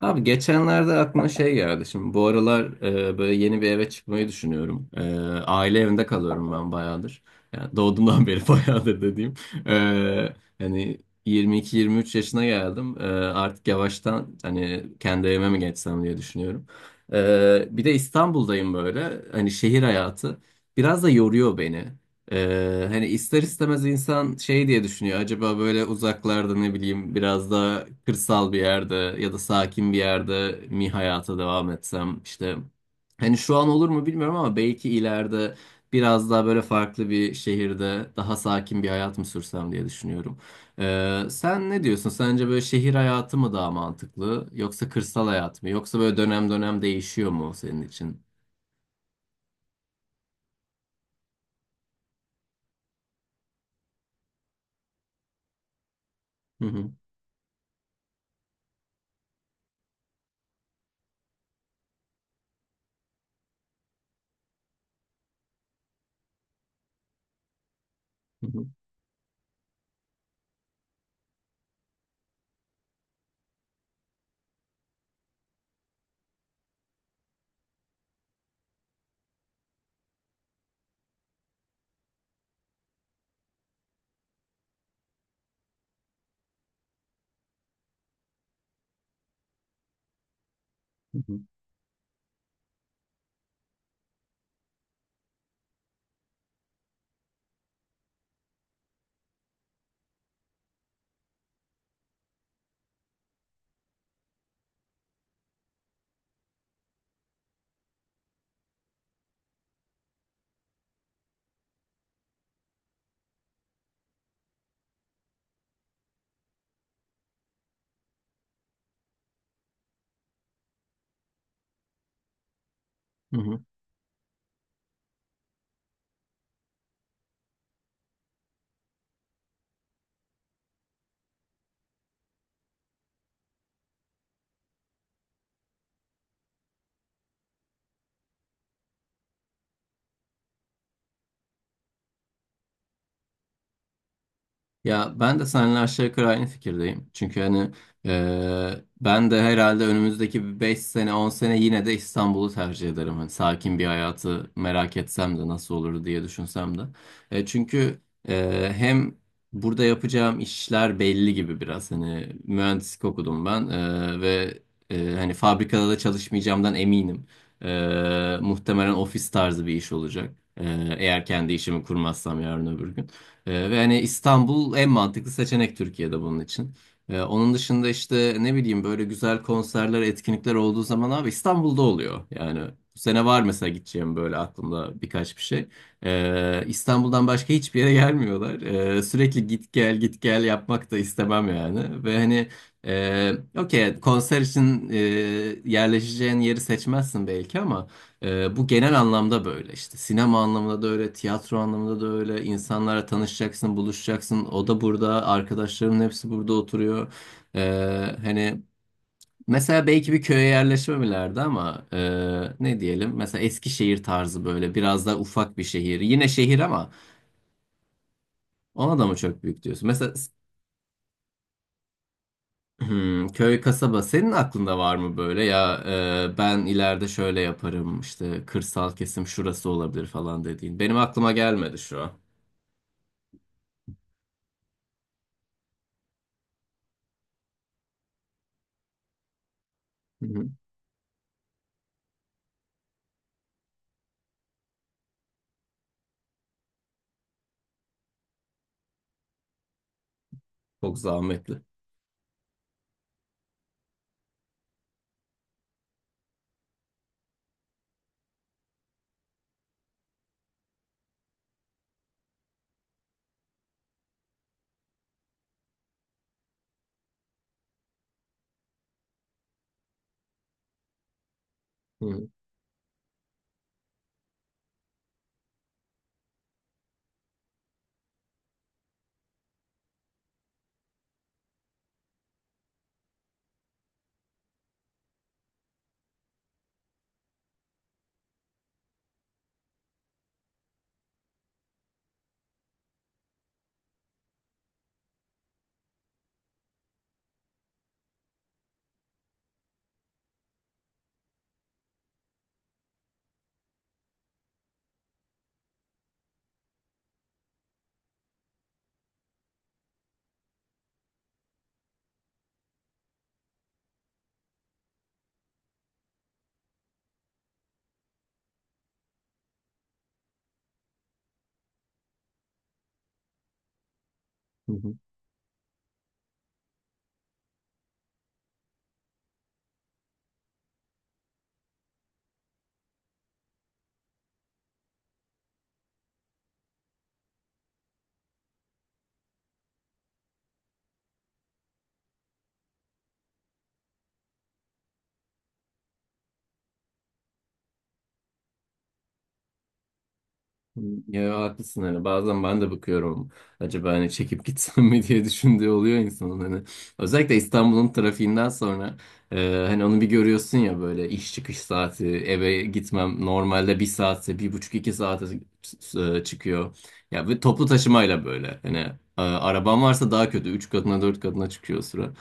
Abi geçenlerde aklıma şey geldi. Şimdi bu aralar böyle yeni bir eve çıkmayı düşünüyorum. Aile evinde kalıyorum ben bayağıdır. Yani doğduğumdan beri bayağıdır dediğim. E, hani 22-23 yaşına geldim. Artık yavaştan hani kendi evime mi geçsem diye düşünüyorum. Bir de İstanbul'dayım böyle. Hani şehir hayatı biraz da yoruyor beni. Hani ister istemez insan şey diye düşünüyor. Acaba böyle uzaklarda ne bileyim biraz daha kırsal bir yerde ya da sakin bir yerde mi hayata devam etsem işte hani şu an olur mu bilmiyorum ama belki ileride biraz daha böyle farklı bir şehirde daha sakin bir hayat mı sürsem diye düşünüyorum. Sen ne diyorsun? Sence böyle şehir hayatı mı daha mantıklı yoksa kırsal hayat mı? Yoksa böyle dönem dönem değişiyor mu senin için? Hı hı. Hı hı. Hı hı. Hı hı. Ya ben de seninle aşağı yukarı aynı fikirdeyim. Çünkü hani ben de herhalde önümüzdeki 5 sene 10 sene yine de İstanbul'u tercih ederim. Hani sakin bir hayatı merak etsem de nasıl olur diye düşünsem de. Çünkü hem burada yapacağım işler belli gibi biraz. Hani mühendislik okudum ben ve hani fabrikada da çalışmayacağımdan eminim. Muhtemelen ofis tarzı bir iş olacak. Eğer kendi işimi kurmazsam yarın öbür gün. Ve hani İstanbul en mantıklı seçenek Türkiye'de bunun için. Onun dışında işte ne bileyim böyle güzel konserler, etkinlikler olduğu zaman abi İstanbul'da oluyor. Yani bu sene var mesela gideceğim böyle aklımda birkaç bir şey. İstanbul'dan başka hiçbir yere gelmiyorlar. Sürekli git gel git gel yapmak da istemem yani. Ve hani e, okey konser için yerleşeceğin yeri seçmezsin belki ama bu genel anlamda böyle işte sinema anlamında da öyle, tiyatro anlamında da öyle. İnsanlara tanışacaksın, buluşacaksın. O da burada, arkadaşlarımın hepsi burada oturuyor. Hani mesela belki bir köye yerleşmemelerdi ama ne diyelim? Mesela Eskişehir tarzı böyle biraz daha ufak bir şehir. Yine şehir ama ona da mı çok büyük diyorsun? Mesela köy, kasaba senin aklında var mı böyle ya ben ileride şöyle yaparım işte kırsal kesim şurası olabilir falan dediğin. Benim aklıma gelmedi şu an. Hı hı. Çok zahmetli. Hı hı. Hı hı. Hı. Ya haklısın hani bazen ben de bakıyorum acaba hani çekip gitsem mi diye düşündüğü oluyor insanın hani özellikle İstanbul'un trafiğinden sonra hani onu bir görüyorsun ya böyle iş çıkış saati eve gitmem normalde bir saatse bir buçuk 2 saate çıkıyor ya ve toplu taşımayla böyle hani araban varsa daha kötü üç katına dört katına çıkıyor o sıra.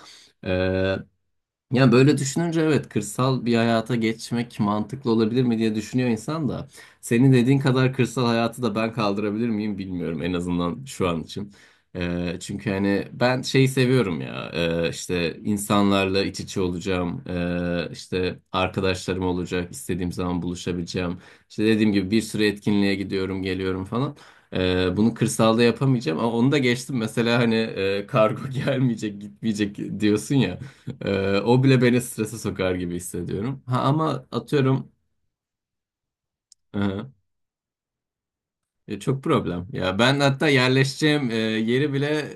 Yani böyle düşününce evet kırsal bir hayata geçmek mantıklı olabilir mi diye düşünüyor insan da senin dediğin kadar kırsal hayatı da ben kaldırabilir miyim bilmiyorum en azından şu an için. Çünkü hani ben şeyi seviyorum ya işte insanlarla iç içe olacağım işte arkadaşlarım olacak istediğim zaman buluşabileceğim işte dediğim gibi bir sürü etkinliğe gidiyorum geliyorum falan. Bunu kırsalda yapamayacağım ama onu da geçtim mesela hani kargo gelmeyecek gitmeyecek diyorsun ya. O bile beni strese sokar gibi hissediyorum. Ha ama atıyorum e, çok problem. Ya ben hatta yerleşeceğim yeri bile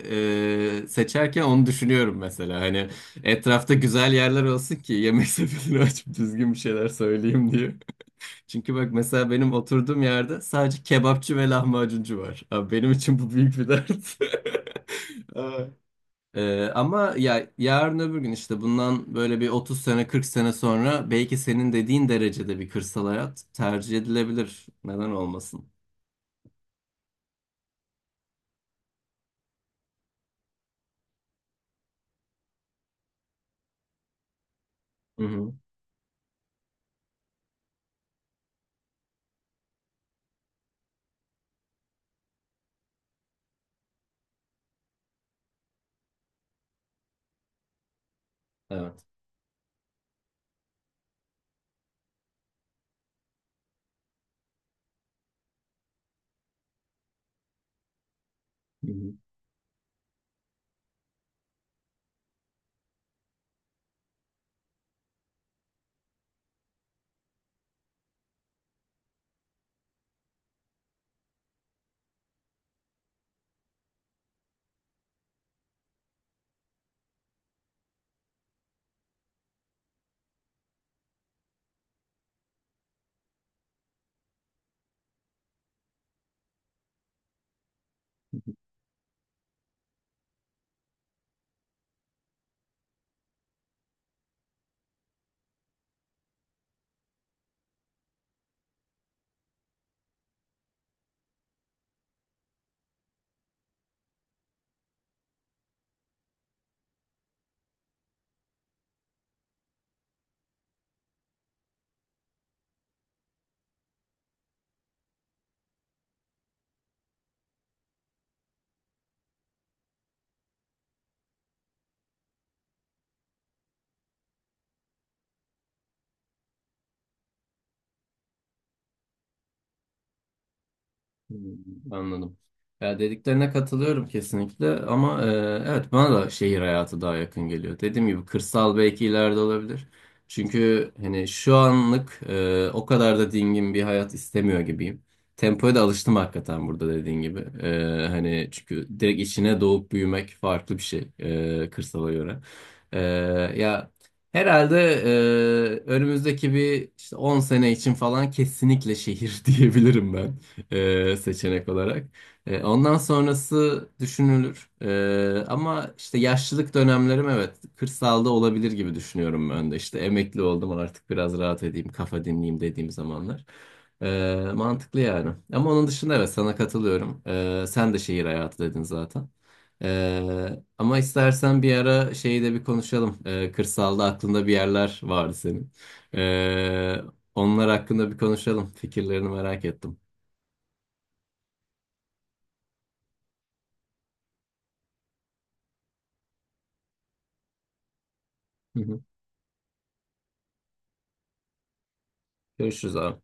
seçerken onu düşünüyorum mesela. Hani etrafta güzel yerler olsun ki yemek sepetini açıp düzgün bir şeyler söyleyeyim diye. Çünkü bak mesela benim oturduğum yerde sadece kebapçı ve lahmacuncu var. Abi benim için bu büyük bir dert. Aa. Ama ya yarın öbür gün işte bundan böyle bir 30 sene 40 sene sonra belki senin dediğin derecede bir kırsal hayat tercih edilebilir. Neden olmasın? Hı hı. Evet. Hı hı. Hmm. Anladım. Ya dediklerine katılıyorum kesinlikle ama evet bana da şehir hayatı daha yakın geliyor. Dediğim gibi kırsal belki ileride olabilir. Çünkü hani şu anlık o kadar da dingin bir hayat istemiyor gibiyim. Tempoya da alıştım hakikaten burada dediğin gibi. Hani çünkü direkt içine doğup büyümek farklı bir şey kırsala göre. E, ya herhalde önümüzdeki bir işte 10 sene için falan kesinlikle şehir diyebilirim ben seçenek olarak. Ondan sonrası düşünülür. Ama işte yaşlılık dönemlerim evet kırsalda olabilir gibi düşünüyorum ben de. İşte emekli oldum artık biraz rahat edeyim, kafa dinleyeyim dediğim zamanlar. Mantıklı yani. Ama onun dışında evet sana katılıyorum. Sen de şehir hayatı dedin zaten. Ama istersen bir ara şeyi de bir konuşalım. Kırsalda aklında bir yerler vardı senin. E, onlar hakkında bir konuşalım. Fikirlerini merak ettim. Hı hı. Görüşürüz abi.